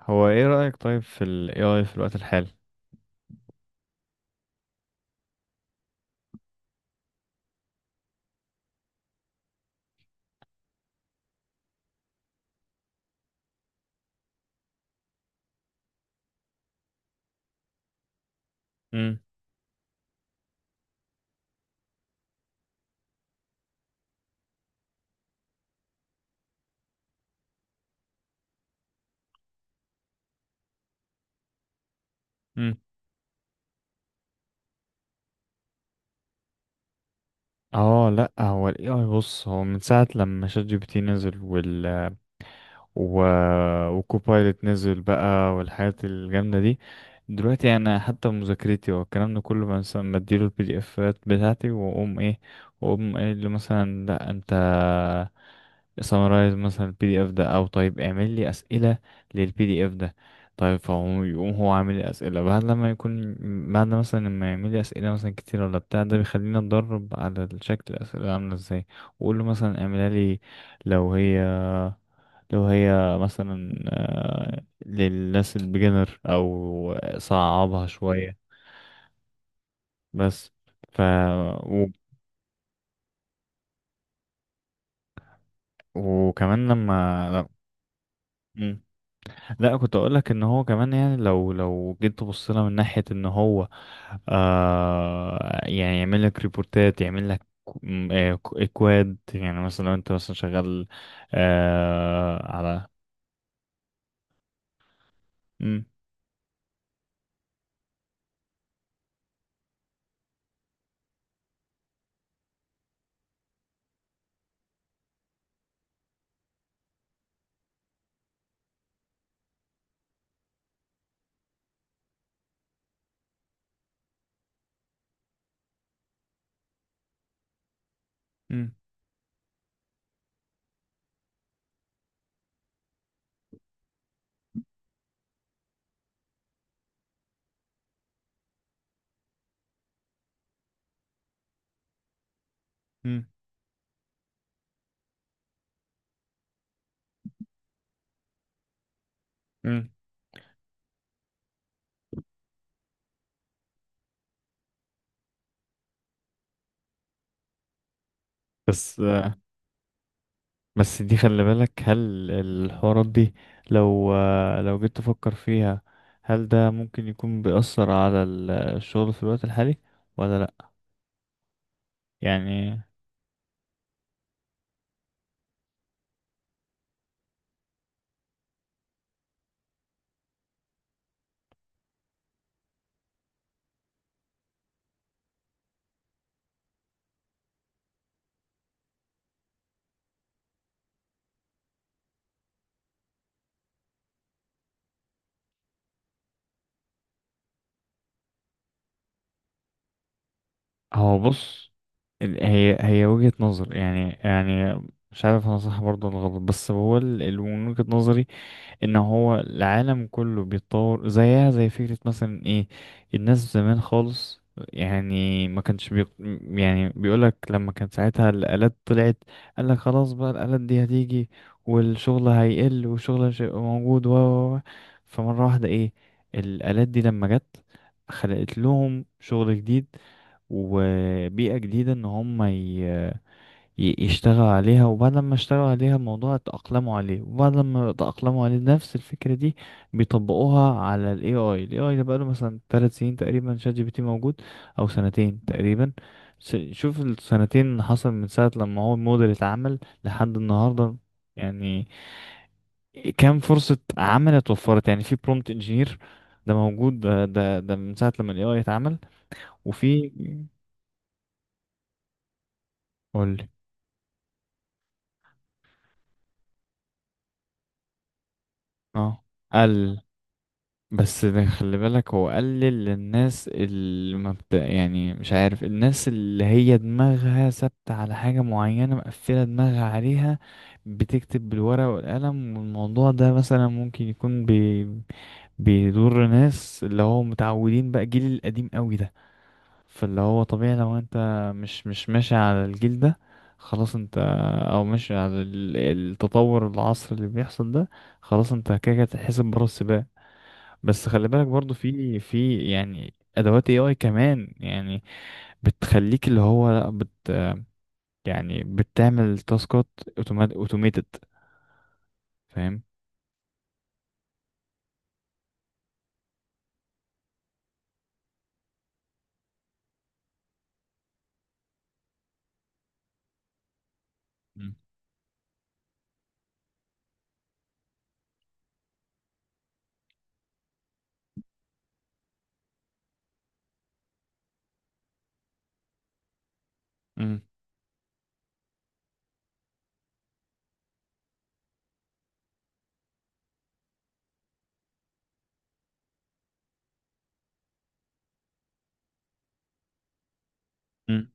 هو ايه رأيك طيب في ال AI في الوقت الحالي؟ امم امم اه، لا، هو ال AI بص، هو من ساعة لما شات جي بي تي نزل وال و... وكوبايلوت نزل بقى والحاجات الجامدة دي، دلوقتي انا حتى مذاكرتي والكلام ده كله مثلا بديله البي دي افات بتاعتي، واقوم ايه، واقوم قايل له مثلا: لا انت سمرايز مثلا البي دي اف ده، او طيب اعمل لي اسئله للبي دي اف ده. طيب فهو يقوم هو عامل لي اسئله بعد لما يكون، بعد مثلا لما يعمل لي اسئله مثلا كتير ولا بتاع ده، بيخليني اتدرب على شكل الاسئله عامله ازاي، واقول له مثلا اعملها لي لو هي لو هي مثلا، للناس البيجنر، او صعبها شوية بس. ف و... وكمان لما لا مم. لا، كنت اقول لك ان هو كمان، يعني لو جيت تبص لها من ناحية ان هو، يعني يعمل لك ريبورتات، يعمل لك اكواد. يعني مثلا لو انت مثلا شغال على، مم، مم، مم، مم. بس آه، بس دي خلي بالك، هل الحوارات دي لو لو جيت تفكر فيها، هل ده ممكن يكون بيأثر على الشغل في الوقت الحالي ولا لأ؟ يعني، هو بص، هي وجهة نظر يعني، يعني مش عارف انا صح برضه ولا غلط، بس هو من وجهة نظري ان هو العالم كله بيتطور. زيها زي فكرة مثلا ايه، الناس زمان خالص، يعني ما كانش بي... يعني بيقولك لما كان ساعتها الآلات طلعت، قالك خلاص بقى الآلات دي هتيجي والشغل هيقل والشغل مش هيبقى موجود و. فمرة واحدة ايه، الآلات دي لما جت خلقت لهم شغل جديد، وبيئة جديدة ان هم يشتغل عليها، وبعد ما اشتغلوا عليها الموضوع اتأقلموا عليه، وبعد ما اتأقلموا عليه نفس الفكرة دي بيطبقوها على ال AI. ال AI ده بقاله مثلا 3 سنين تقريبا شات جي بي تي موجود، أو سنتين تقريبا. شوف السنتين اللي حصل من ساعة لما هو الموديل اتعمل لحد النهاردة، يعني كام فرصة عمل اتوفرت؟ يعني في برومبت انجينير، ده موجود ده، من ساعة لما ال AI اتعمل وفي، قولي. اه، قل. بس ده خلي بالك، هو قلل للناس اللي ما بت... يعني مش عارف، الناس اللي هي دماغها ثابتة على حاجة معينة، مقفلة دماغها عليها، بتكتب بالورقة والقلم، والموضوع ده مثلا ممكن يكون بيضر ناس اللي هو متعودين بقى الجيل القديم قوي ده. فاللي هو طبيعي، لو انت مش ماشي على الجيل ده، خلاص انت، او ماشي على التطور، العصر اللي بيحصل ده، خلاص انت كده كده هتتحسب بره السباق. بس خلي بالك برضو، في في يعني ادوات اي اي كمان، يعني بتخليك اللي هو لا بت يعني بتعمل تاسكات اوتوماتد، فاهم؟ مم. مم. مم.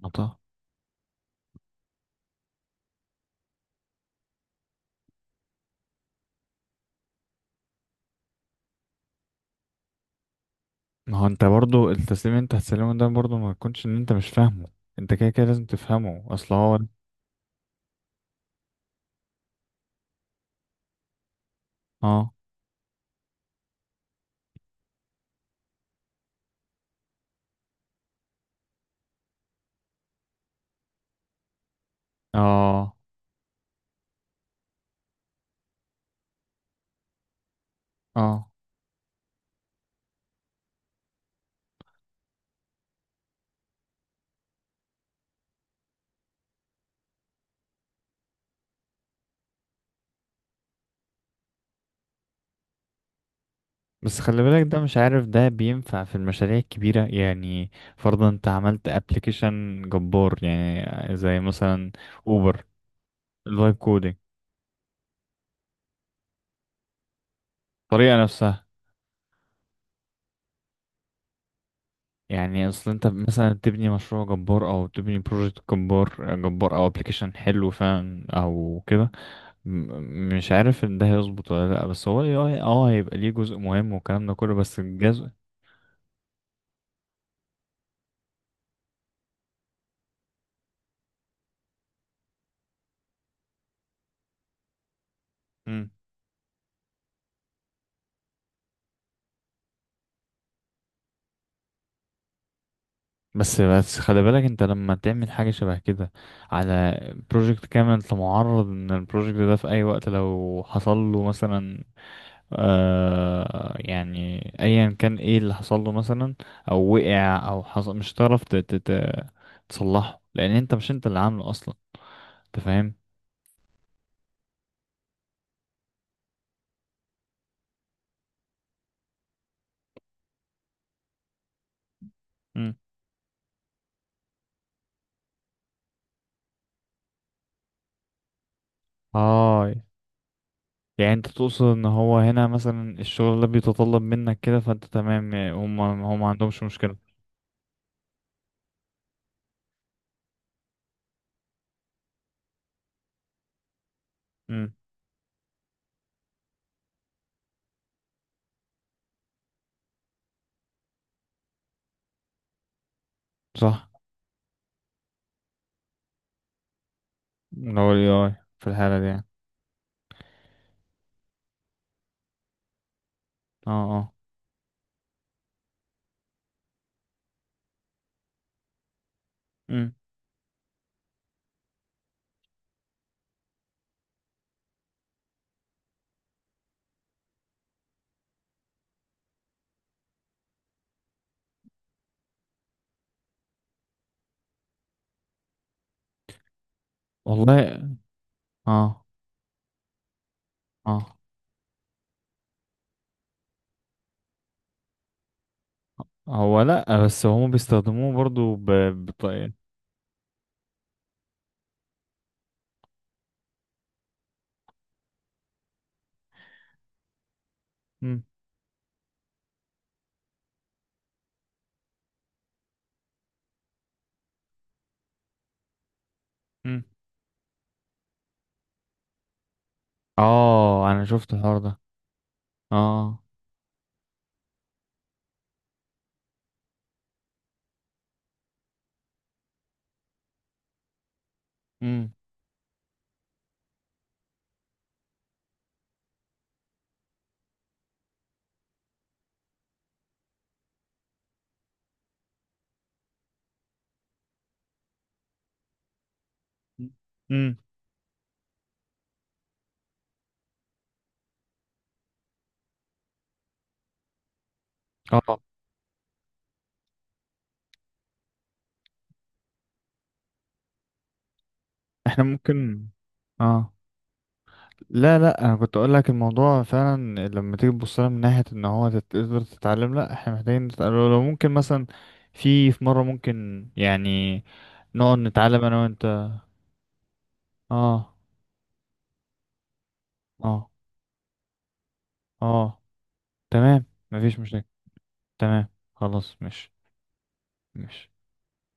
منطقة. ما هو انت برضو التسليم اللي انت هتسلمه ده برضو، ما يكونش ان انت مش فاهمه، انت كده كده لازم تفهمه، اصل هو. اه. اه. اه. بس خلي بالك، ده مش عارف ده بينفع في المشاريع الكبيرة يعني. فرضا انت عملت ابلكيشن جبار، يعني زي مثلا اوبر. الفايب كودينج. الطريقة نفسها. يعني اصل انت مثلا تبني مشروع جبار، او تبني بروجكت جبار جبار، او ابلكيشن حلو فعلا او كده، مش عارف ان ده هيظبط ولا لا. بس هو ال AI اه هيبقى ليه جزء مهم والكلام ده كله، بس الجزء. مم. بس خلي بالك، انت لما تعمل حاجة شبه كده على بروجكت كامل، انت معرض ان البروجكت ده في اي وقت، لو حصل له مثلا، آه يعني ايا كان ايه اللي حصل له، مثلا او وقع او حصل، مش هتعرف تصلحه، لان انت مش انت اللي عامله اصلا، انت فاهم. مم. اه، يعني انت تقصد ان هو هنا مثلا الشغل ده بيتطلب منك كده، فانت تمام، يعني هم، ما عندهمش مشكلة. امم. صح. لو ال AI في الحالة دي يعني. اه. اه. مم. والله. اه. اه. هو لا، بس هم بيستخدموه برضو بطريقة. اه، انا شفت الحوار ده. اه. امم. امم. اه. احنا ممكن. اه. لا، انا كنت اقول لك، الموضوع فعلا لما تيجي تبص لها من ناحيه ان هو تقدر تتعلم، لا، احنا محتاجين نتعلم. لو ممكن مثلا، في مره ممكن يعني نقعد نتعلم انا وانت. اه. اه. اه. تمام. مفيش مشاكل. تمام. خلاص، مش